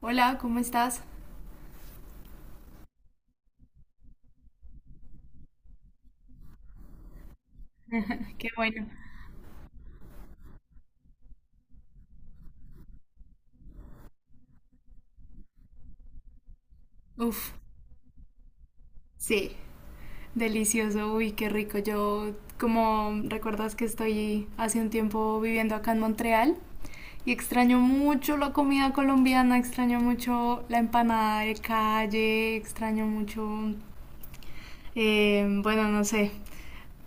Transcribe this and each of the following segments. Hola, ¿cómo estás? Qué bueno. Uf, sí, delicioso, uy, qué rico. Yo, como recuerdas que estoy hace un tiempo viviendo acá en Montreal y extraño mucho la comida colombiana, extraño mucho la empanada de calle, extraño mucho. Bueno, no sé,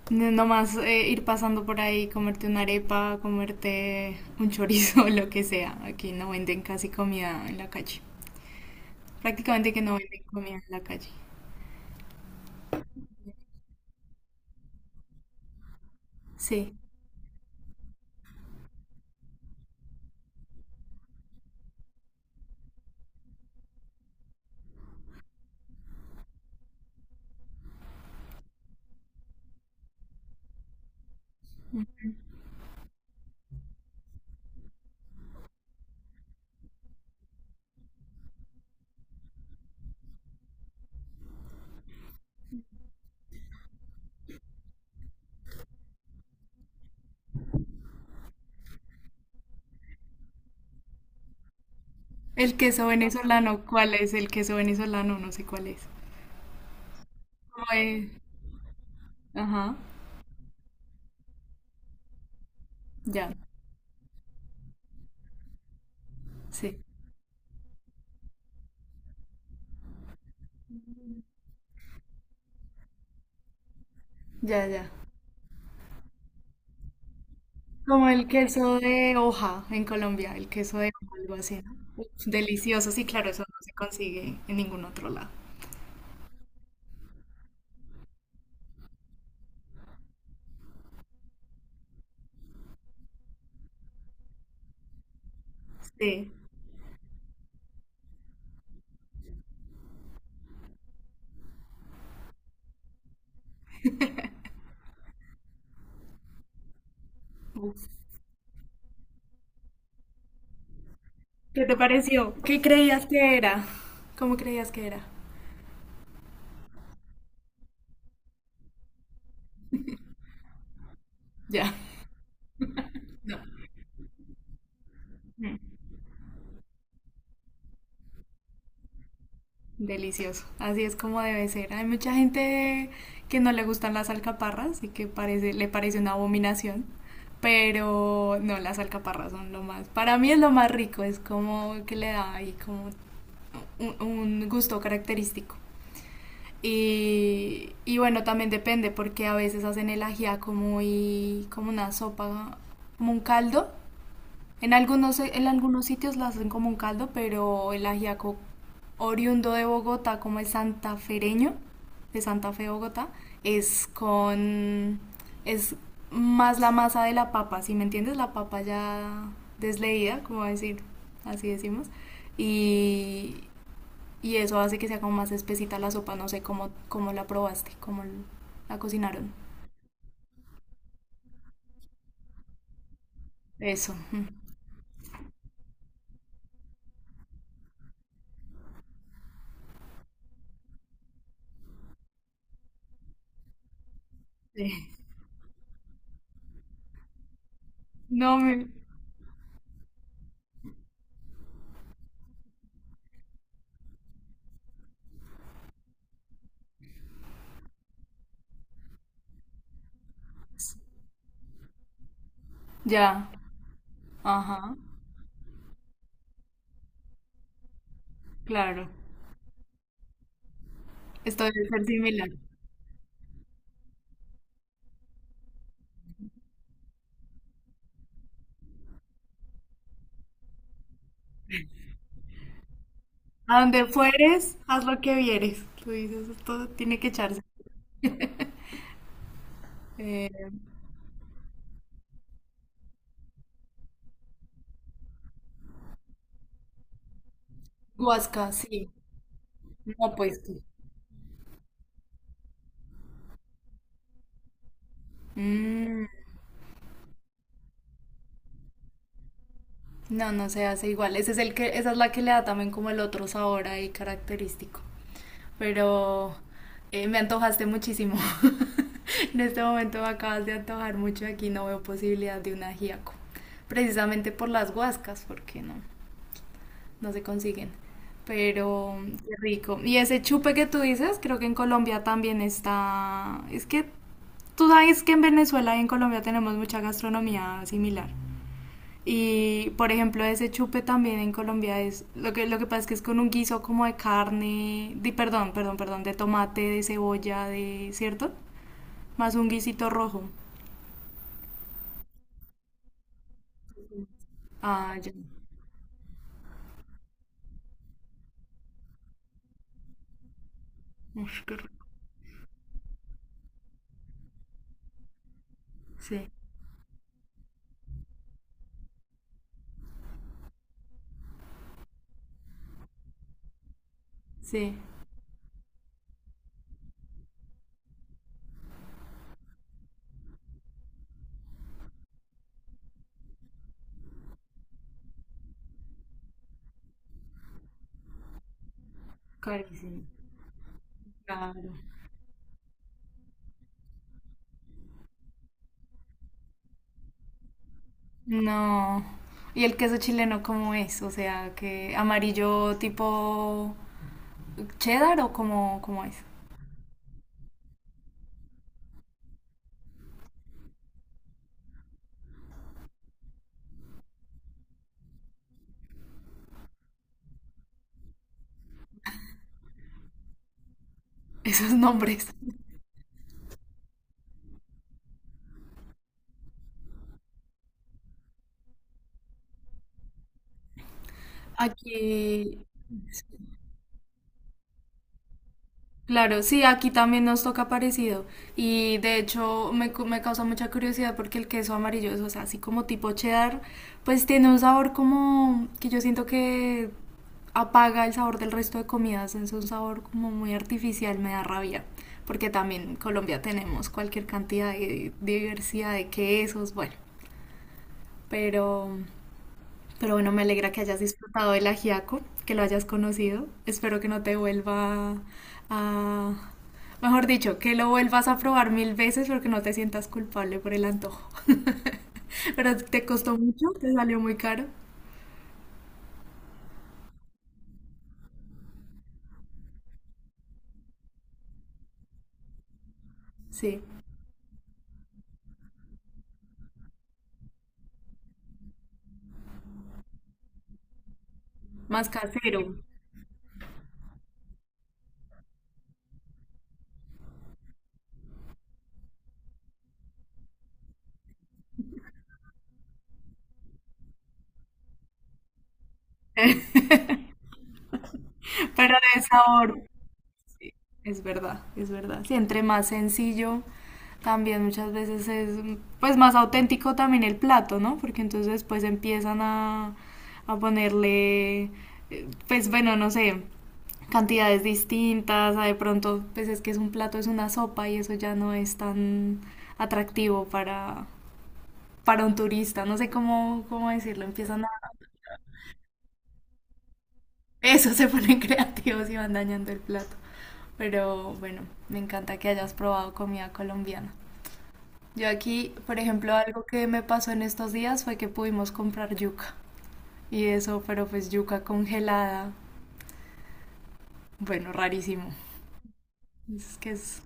nomás ir pasando por ahí, comerte una arepa, comerte un chorizo, lo que sea. Aquí no venden casi comida en la calle. Prácticamente que no venden comida en la calle. Sí. El queso venezolano, ¿cuál es? El queso venezolano, no sé cuál es. Como el- Ajá, ya, sí, ya, ya. ¿Como el queso de hoja en Colombia, el queso de hoja, algo así, no? Uf, delicioso, sí, claro, eso no se consigue en ningún otro lado. Sí. Uf. ¿Qué te pareció? ¿Qué creías que era? ¿Cómo creías que era? Ya, no. Delicioso, así es como debe ser. Hay mucha gente que no le gustan las alcaparras y que parece, le parece una abominación, pero no, las alcaparras son lo más, para mí es lo más rico, es como que le da ahí como un, un gusto característico. Y bueno, también depende porque a veces hacen el ajiaco muy como una sopa, como un caldo en algunos sitios la hacen como un caldo, pero el ajiaco oriundo de Bogotá, como el santafereño, de Santa Fe, Bogotá, es con, es más la masa de la papa, ¿si me entiendes? La papa ya desleída, como decir, así decimos, y, y eso hace que sea como más espesita la sopa, no sé cómo, cómo la probaste, la cocinaron. Eso. Sí. No me... Ya. Ajá. Claro. Esto debe ser similar. A donde fueres, haz lo que vieres. Tú dices, esto tiene que echarse. Eh, Huasca, sí. No, pues sí. Mm, no, no se hace igual. Ese es el que, esa es la que le da también como el otro sabor ahí característico. Pero me antojaste muchísimo. En este momento me acabas de antojar mucho. Aquí no veo posibilidad de un ajiaco. Precisamente por las huascas, porque no, no se consiguen. Pero qué rico. Y ese chupe que tú dices, creo que en Colombia también está. Es que tú sabes que en Venezuela y en Colombia tenemos mucha gastronomía similar. Y por ejemplo, ese chupe también en Colombia es. Lo que pasa es que es con un guiso como de carne. De, perdón, perdón, perdón. De tomate, de cebolla, de. ¿Cierto? Más un guisito rojo. Ah, ya. Uf, qué rico. Sí, sí. Carísimo. Claro. No. ¿Y el queso chileno cómo es? O sea, ¿que amarillo tipo cheddar o cómo, cómo es? Esos nombres. Aquí, claro, sí, aquí también nos toca parecido. Y de hecho me causa mucha curiosidad porque el queso amarillo es, o sea, así como tipo cheddar, pues tiene un sabor como que yo siento que apaga el sabor del resto de comidas. Es un sabor como muy artificial, me da rabia. Porque también en Colombia tenemos cualquier cantidad de diversidad de quesos, bueno. Pero pero bueno, me alegra que hayas disfrutado del ajiaco, que lo hayas conocido. Espero que no te vuelva a... Mejor dicho, que lo vuelvas a probar 1000 veces porque no te sientas culpable por el antojo. Pero te costó mucho, te salió muy caro. Sí, más casero, pero de sabor. Es verdad, es verdad. Sí, entre más sencillo, también muchas veces es pues más auténtico también el plato, ¿no? Porque entonces después empiezan a ponerle, pues bueno, no sé, cantidades distintas, a de pronto, pues es que es un plato, es una sopa y eso ya no es tan atractivo para un turista, no sé cómo, cómo decirlo, empiezan a Eso se ponen creativos y van dañando el plato. Pero bueno, me encanta que hayas probado comida colombiana. Yo aquí, por ejemplo, algo que me pasó en estos días fue que pudimos comprar yuca. Y eso, pero pues yuca congelada. Bueno, rarísimo. Es que es...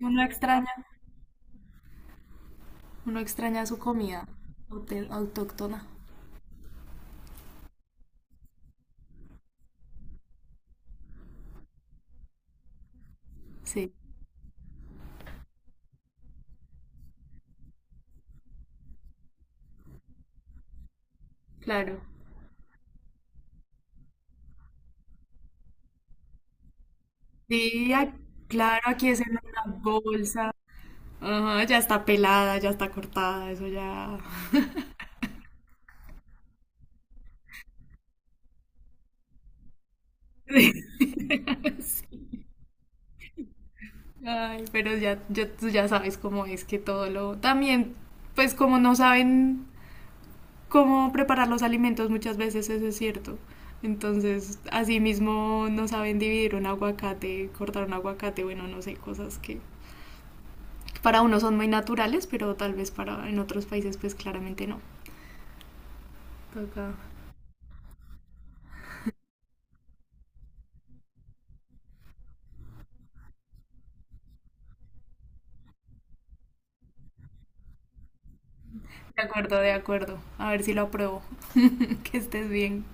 Uno extraña, uno extraña su comida autóctona. Sí, claro. Sí, claro, aquí es en una bolsa. Ajá, ya está pelada, ya está cortada, eso ya... Ay, pero tú ya sabes cómo es que todo lo... También, pues como no saben cómo preparar los alimentos, muchas veces eso es cierto. Entonces, así mismo no saben dividir un aguacate, cortar un aguacate, bueno, no sé, cosas que para uno son muy naturales, pero tal vez para en otros países pues claramente no. Toca. De acuerdo, de acuerdo. A ver si lo apruebo. Que estés bien.